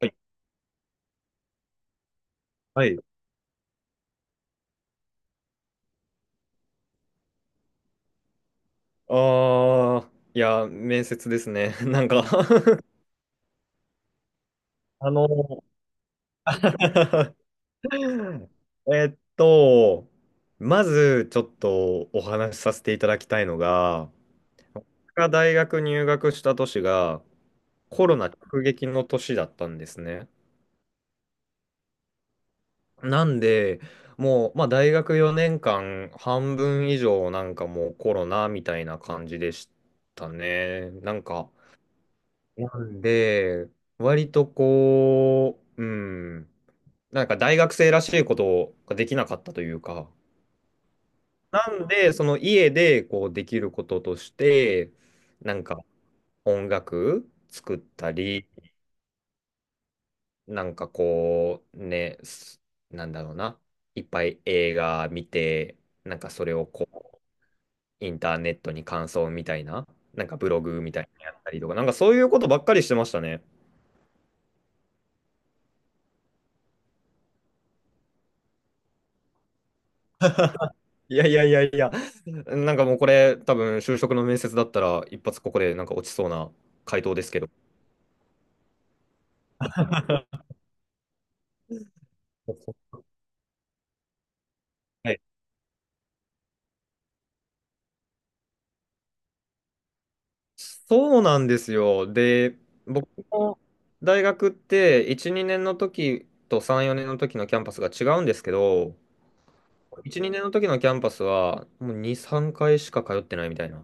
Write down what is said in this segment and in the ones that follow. はいはい。ああ、いや、面接ですね。なんか あの えっと、まずちょっとお話しさせていただきたいのが、僕が大学入学した年がコロナ直撃の年だったんですね。なんで、もう、まあ、大学4年間、半分以上、なんかもうコロナみたいな感じでしたね。なんか、なんで、割とこう、うん、なんか大学生らしいことができなかったというか、なんで、その家でこうできることとして、なんか音楽作ったり、なんかこう、ね、なんだろうな、いっぱい映画見て、なんかそれをこう、インターネットに感想みたいな、なんかブログみたいなのやったりとか、なんかそういうことばっかりしてましたね。いやいやいやいや、なんかもうこれ、多分就職の面接だったら、一発ここでなんか落ちそうな回答ですけど。はい。そうなんですよ。で、僕の大学って1、2年の時と3、4年の時のキャンパスが違うんですけど、1、2年の時のキャンパスはもう2、3回しか通ってないみたいな、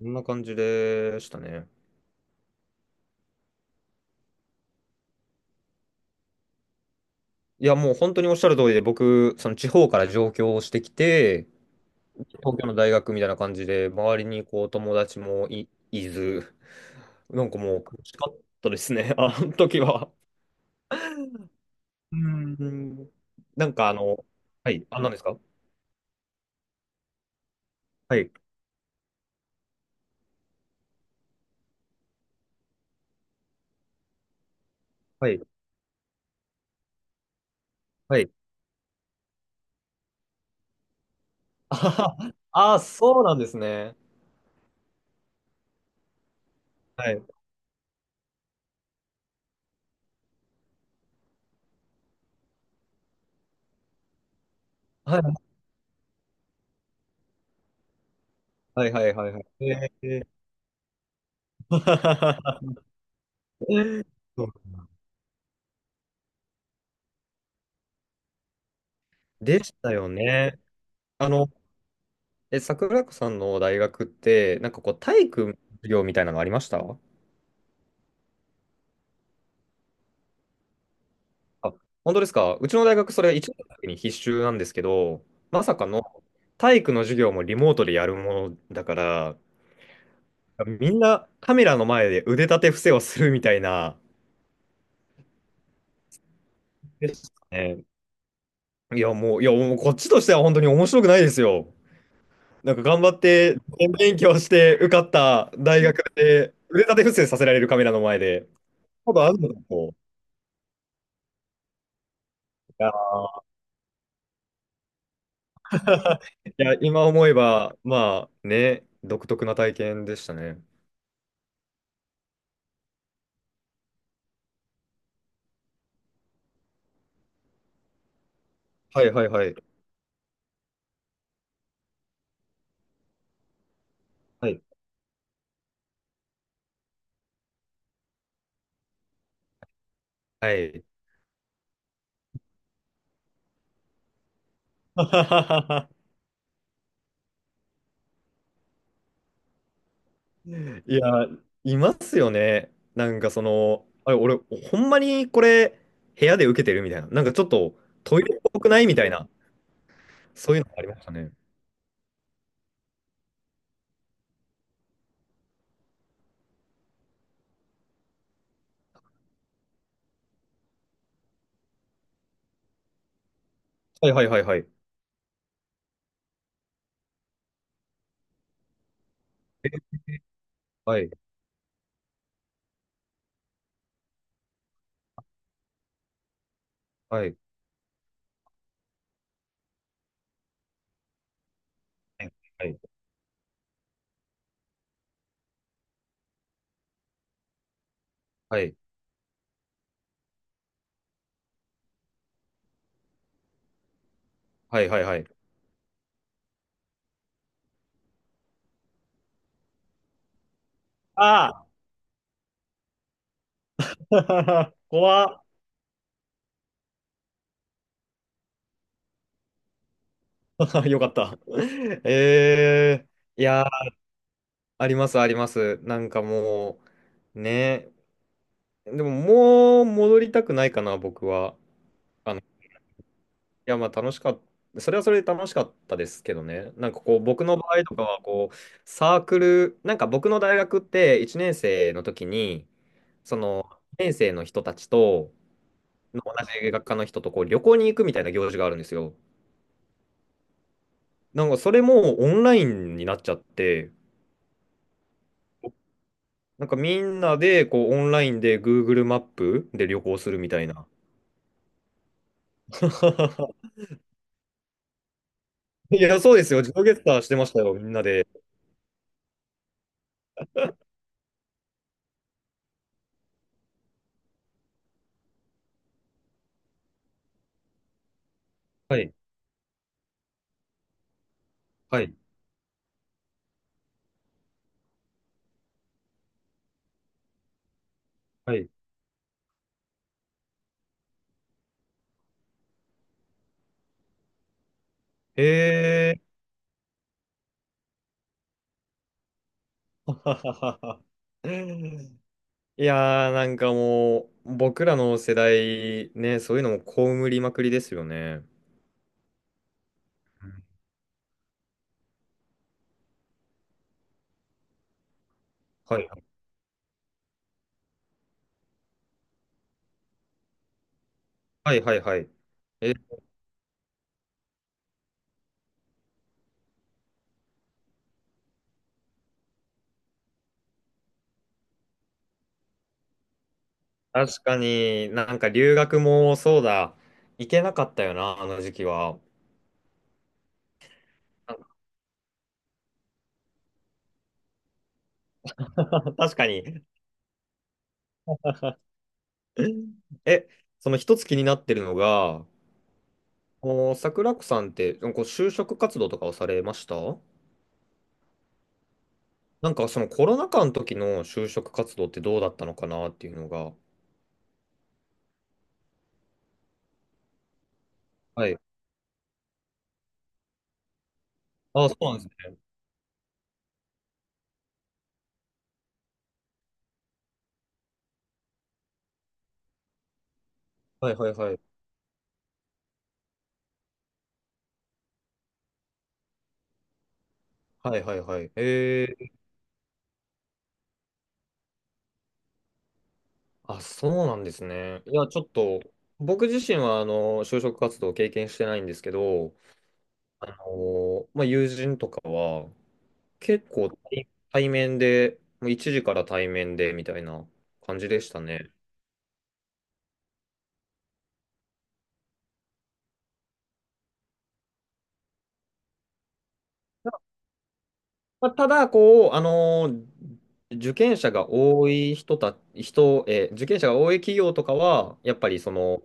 そんな感じでしたね。いや、もう本当におっしゃる通りで、僕、その地方から上京してきて、東京の大学みたいな感じで、周りにこう友達もい、いず、なんかもう苦しかったですね、あの時は。うーん。なんかはい、あ、何ですか？はい、はい、はい。あははあ、そうなんですね。はい。はい、はい、はい、はいはい。えー そうでしたよね。あの、え、桜子さんの大学って、なんかこう、体育の授業みたいなのありました？あ、本当ですか。うちの大学、それ1年の時に必修なんですけど、まさかの体育の授業もリモートでやるものだから、みんなカメラの前で腕立て伏せをするみたいな、ですね。いや、もう、いや、もうこっちとしては本当に面白くないですよ。なんか頑張って、勉強して受かった大学で、腕立て伏せさせられるカメラの前で、ほどあるのかと。いやー、いや今思えば、まあね、独特な体験でしたね。はいはいはい。はいはい。いや、いますよね。なんかその、あれ、俺、ほんまにこれ、部屋で受けてるみたいな。なんかちょっとトイレっぽくないみたいな。そういうのありましたね。はいはいはいはい。はい。はい。はいはい。はいはいはい。ああ 怖っ よかった。ええー、いやー、ありますあります。なんかもう、ね。でももう戻りたくないかな、僕は。あいや、まあ楽しかった。それはそれで楽しかったですけどね。なんかこう、僕の場合とかは、こう、サークル、なんか僕の大学って1年生の時に、その、年生の人たちと、同じ学科の人とこう旅行に行くみたいな行事があるんですよ。なんかそれもオンラインになっちゃって、なんかみんなでこうオンラインで Google マップで旅行するみたいな。いや、そうですよ。自動ゲッターしてましたよ、みんなで。はい、はい、はい。へいやー、なんかもう、僕らの世代、ね、そういうのも被りまくりですよね。はい。はいはいはい。え、確かになんか留学もそうだ、行けなかったよな、あの時期は。確かに。え、その一つ気になってるのが、もう桜子さんって、こう就職活動とかをされました？なんかそのコロナ禍の時の就職活動ってどうだったのかなっていうのが。はい。あ、そうなんですね。はいはいはい。はいはいはい。あ、そうなんですね。いや、ちょっと、僕自身は、あの、就職活動を経験してないんですけど、あの、まあ、友人とかは、結構対面で、もう1時から対面で、みたいな感じでしたね。まあ、ただ、こう、あの、受験者が多い人た、人、えー受験者が多い企業とかは、やっぱりその、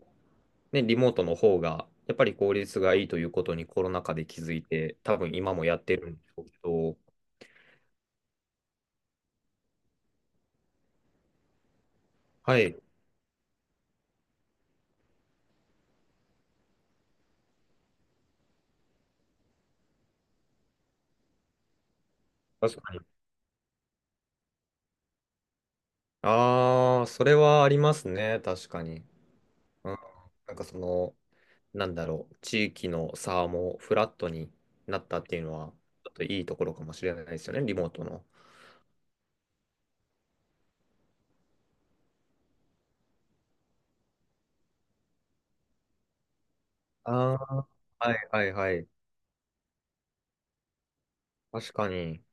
ね、リモートの方が、やっぱり効率がいいということにコロナ禍で気づいて、多分今もやってるんでしょうけど、はい、確かに。ああ、それはありますね、確かに。うん、なんかその、なんだろう、地域の差もフラットになったっていうのは、ちょっといいところかもしれないですよね、リモートの。ああ、はいはいはい。確かに。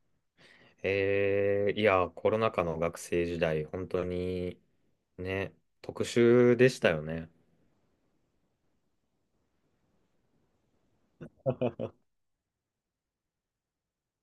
いや、コロナ禍の学生時代、本当にね、特殊でしたよね。